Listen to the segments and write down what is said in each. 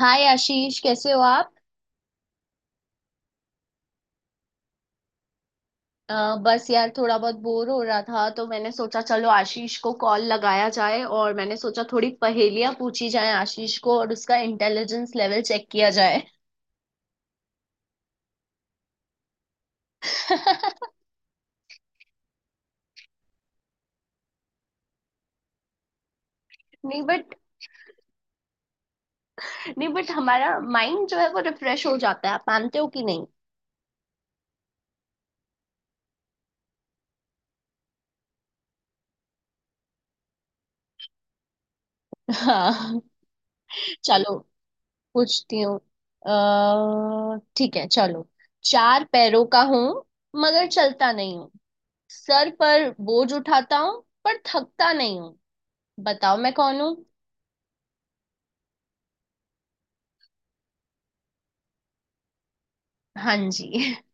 हाय आशीष कैसे हो आप। बस यार थोड़ा बहुत बोर हो रहा था तो मैंने सोचा चलो आशीष को कॉल लगाया जाए और मैंने सोचा थोड़ी पहेलियां पूछी जाए आशीष को और उसका इंटेलिजेंस लेवल चेक किया जाए। नहीं बट हमारा माइंड जो है वो रिफ्रेश हो जाता है, आप मानते हो कि नहीं। हाँ चलो पूछती हूँ। ठीक है चलो। चार पैरों का हूँ मगर चलता नहीं हूँ। सर पर बोझ उठाता हूँ पर थकता नहीं हूँ। बताओ मैं कौन हूँ। हाँ जी।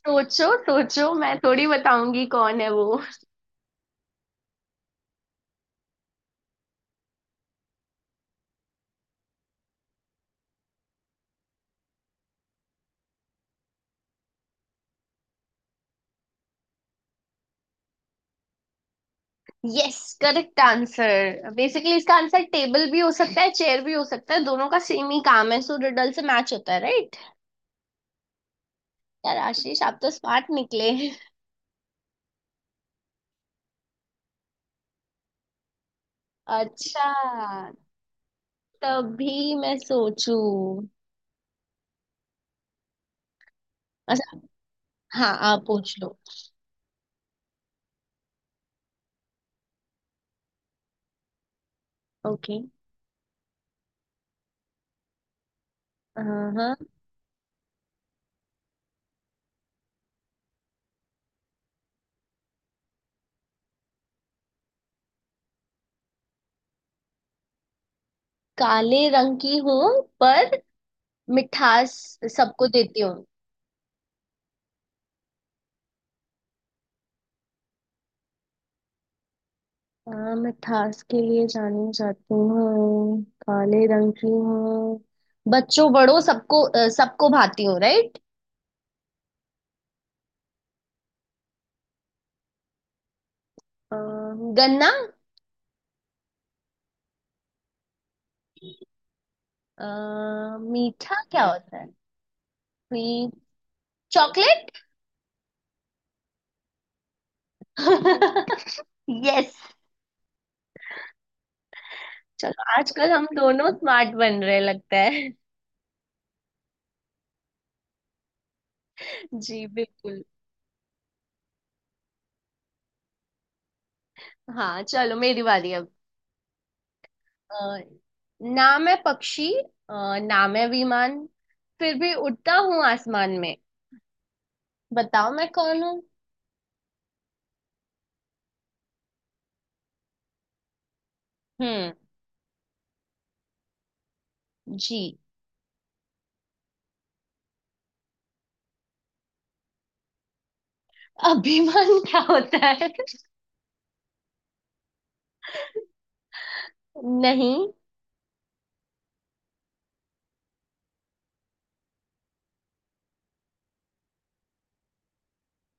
सोचो सोचो, मैं थोड़ी बताऊंगी कौन है वो। Yes, correct answer. बेसिकली इसका आंसर टेबल भी हो सकता है, चेयर भी हो सकता है। दोनों का सेम ही काम है सो रिडल से मैच होता है, राइट। यार आशीष आप तो स्मार्ट निकले। अच्छा, तभी मैं सोचू। अच्छा, हाँ आप पूछ लो। ओके। हाँ काले रंग की हूँ, पर मिठास सबको देती हूँ। हाँ मैं थास के लिए जानी जाती हूँ, काले रंग की हूँ, बच्चों बड़ों सबको सबको भाती हूँ, राइट। गन्ना। मीठा क्या होता है। स्वीट। चॉकलेट। यस। चलो आजकल हम दोनों स्मार्ट बन रहे लगता है। जी बिल्कुल। हाँ चलो मेरी बारी अब। अ, नाम है पक्षी, अ, नाम है विमान, फिर भी उड़ता हूँ आसमान में। बताओ मैं कौन हूँ। हम्म। जी। अभिमान क्या होता है। नहीं,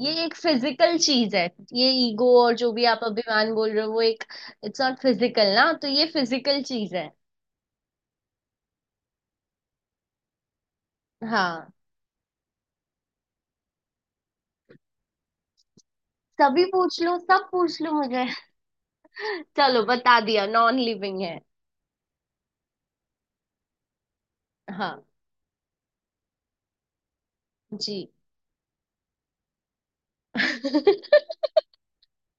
ये एक फिजिकल चीज है। ये ईगो और जो भी आप अभिमान बोल रहे हो वो एक, इट्स नॉट फिजिकल, ना तो ये फिजिकल चीज है। हाँ। सभी पूछ लो, सब पूछ लो मुझे। चलो बता दिया, नॉन लिविंग है। हाँ जी।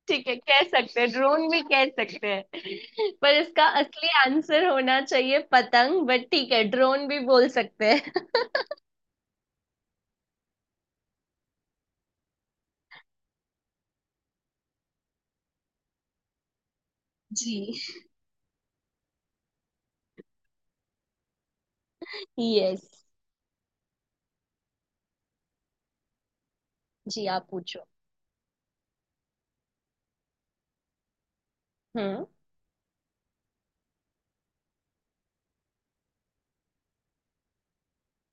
ठीक है, कह सकते हैं, ड्रोन भी कह सकते हैं, पर इसका असली आंसर होना चाहिए पतंग, बट ठीक है ड्रोन भी बोल सकते हैं। जी। यस। जी आप पूछो। हम्म।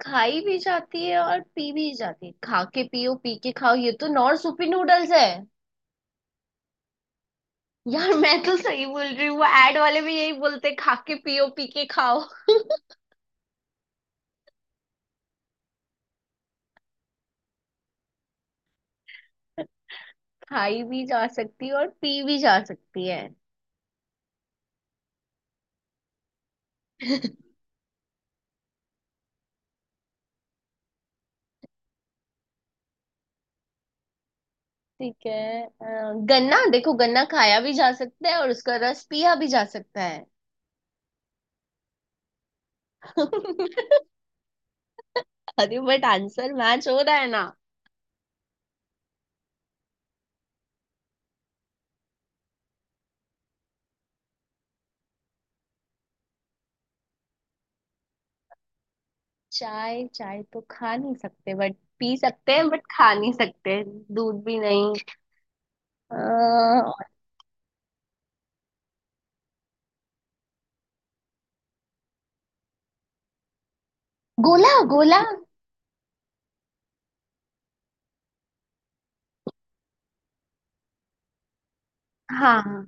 खाई भी जाती है और पी भी जाती है, खा के पियो पी के खाओ, ये तो नॉर्थ सूपी नूडल्स है। यार मैं तो सही बोल रही हूँ, वो एड वाले भी यही बोलते हैं, खा के पियो पी के खाओ। खाई भी जा सकती है और पी भी जा सकती है। ठीक है, गन्ना देखो, गन्ना खाया भी जा सकता है और उसका रस पिया भी जा सकता है। अरे बट आंसर मैच हो रहा है ना। चाय, चाय तो खा नहीं सकते बट पी सकते हैं, बट खा नहीं सकते। दूध भी नहीं। अ, गोला गोला। हाँ हाँ।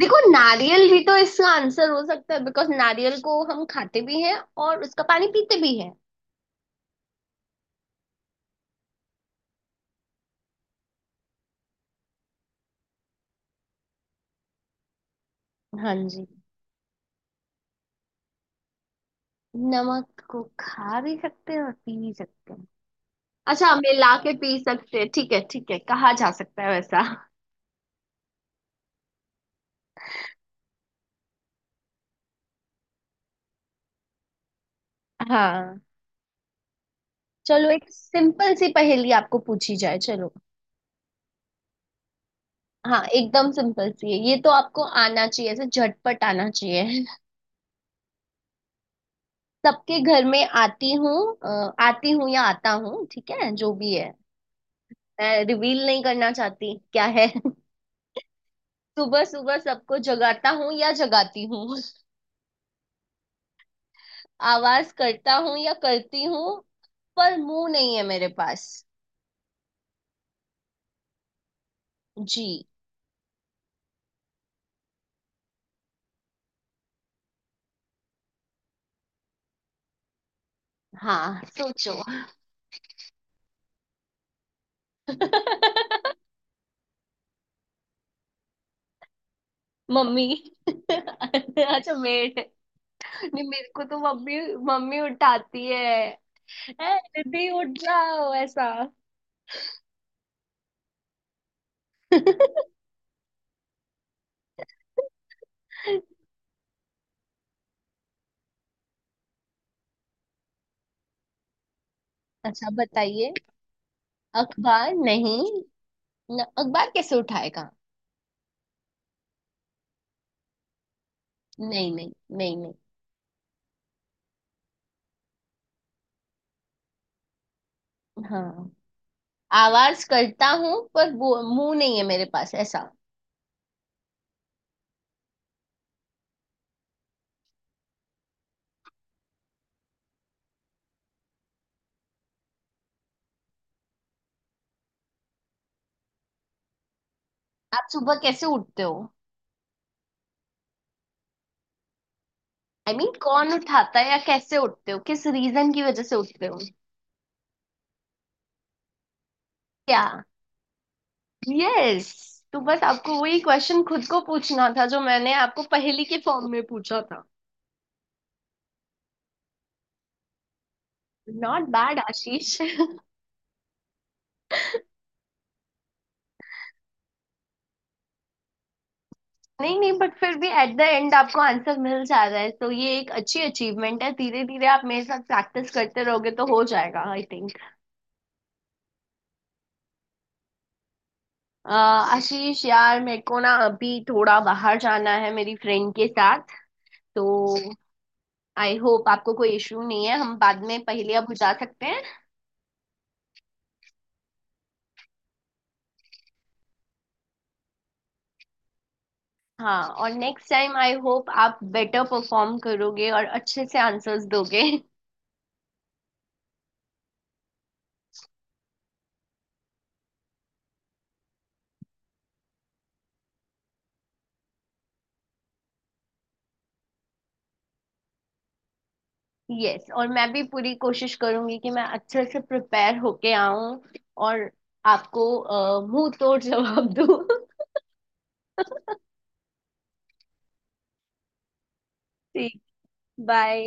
देखो नारियल भी तो इसका आंसर हो सकता है, बिकॉज नारियल को हम खाते भी हैं और उसका पानी पीते भी हैं। हाँ जी। नमक को खा भी सकते हैं और पी भी सकते हैं। अच्छा, हम मिला के पी सकते हैं, ठीक है ठीक है, कहा जा सकता है वैसा। हाँ चलो एक सिंपल सी पहेली आपको पूछी जाए, चलो। हाँ एकदम सिंपल सी है, ये तो आपको आना चाहिए, ऐसे झटपट आना चाहिए। सबके घर में आती हूँ, आती हूँ या आता हूँ, ठीक है जो भी है, मैं रिवील नहीं करना चाहती क्या है। सुबह सुबह सबको जगाता हूँ या जगाती हूँ, आवाज करता हूँ या करती हूँ, पर मुंह नहीं है मेरे पास। जी। हाँ सोचो। मम्मी। अच्छा मेड। नहीं मेरे को तो मम्मी, मम्मी उठाती है, "ए, दीदी उठ जाओ" ऐसा। अच्छा बताइए। अखबार नहीं, न, अखबार कैसे उठाएगा। नहीं नहीं। नहीं नहीं। हाँ आवाज करता हूँ पर वो, मुंह नहीं है मेरे पास, ऐसा। आप सुबह कैसे उठते हो। आई I मीन mean, कौन उठाता है या कैसे उठते हो, किस रीजन की वजह से उठते हो। क्या। Yes yes. तो बस आपको वही क्वेश्चन खुद को पूछना था जो मैंने आपको पहेली के फॉर्म में पूछा था। नॉट बैड आशीष। नहीं नहीं बट फिर भी एट द एंड आपको आंसर मिल जा रहा है, तो ये एक अच्छी अचीवमेंट है। धीरे धीरे आप मेरे साथ प्रैक्टिस करते रहोगे तो हो जाएगा आई थिंक। आशीष यार, मेरे को ना अभी थोड़ा बाहर जाना है मेरी फ्रेंड के साथ, तो आई होप आपको कोई इशू नहीं है, हम बाद में पहले अब जा सकते हैं। हाँ और नेक्स्ट टाइम आई होप आप बेटर परफॉर्म करोगे और अच्छे से आंसर्स दोगे। यस और मैं भी पूरी कोशिश करूंगी कि मैं अच्छे से प्रिपेयर होके आऊं और आपको मुंह तोड़ जवाब दूं। ठीक। बाय।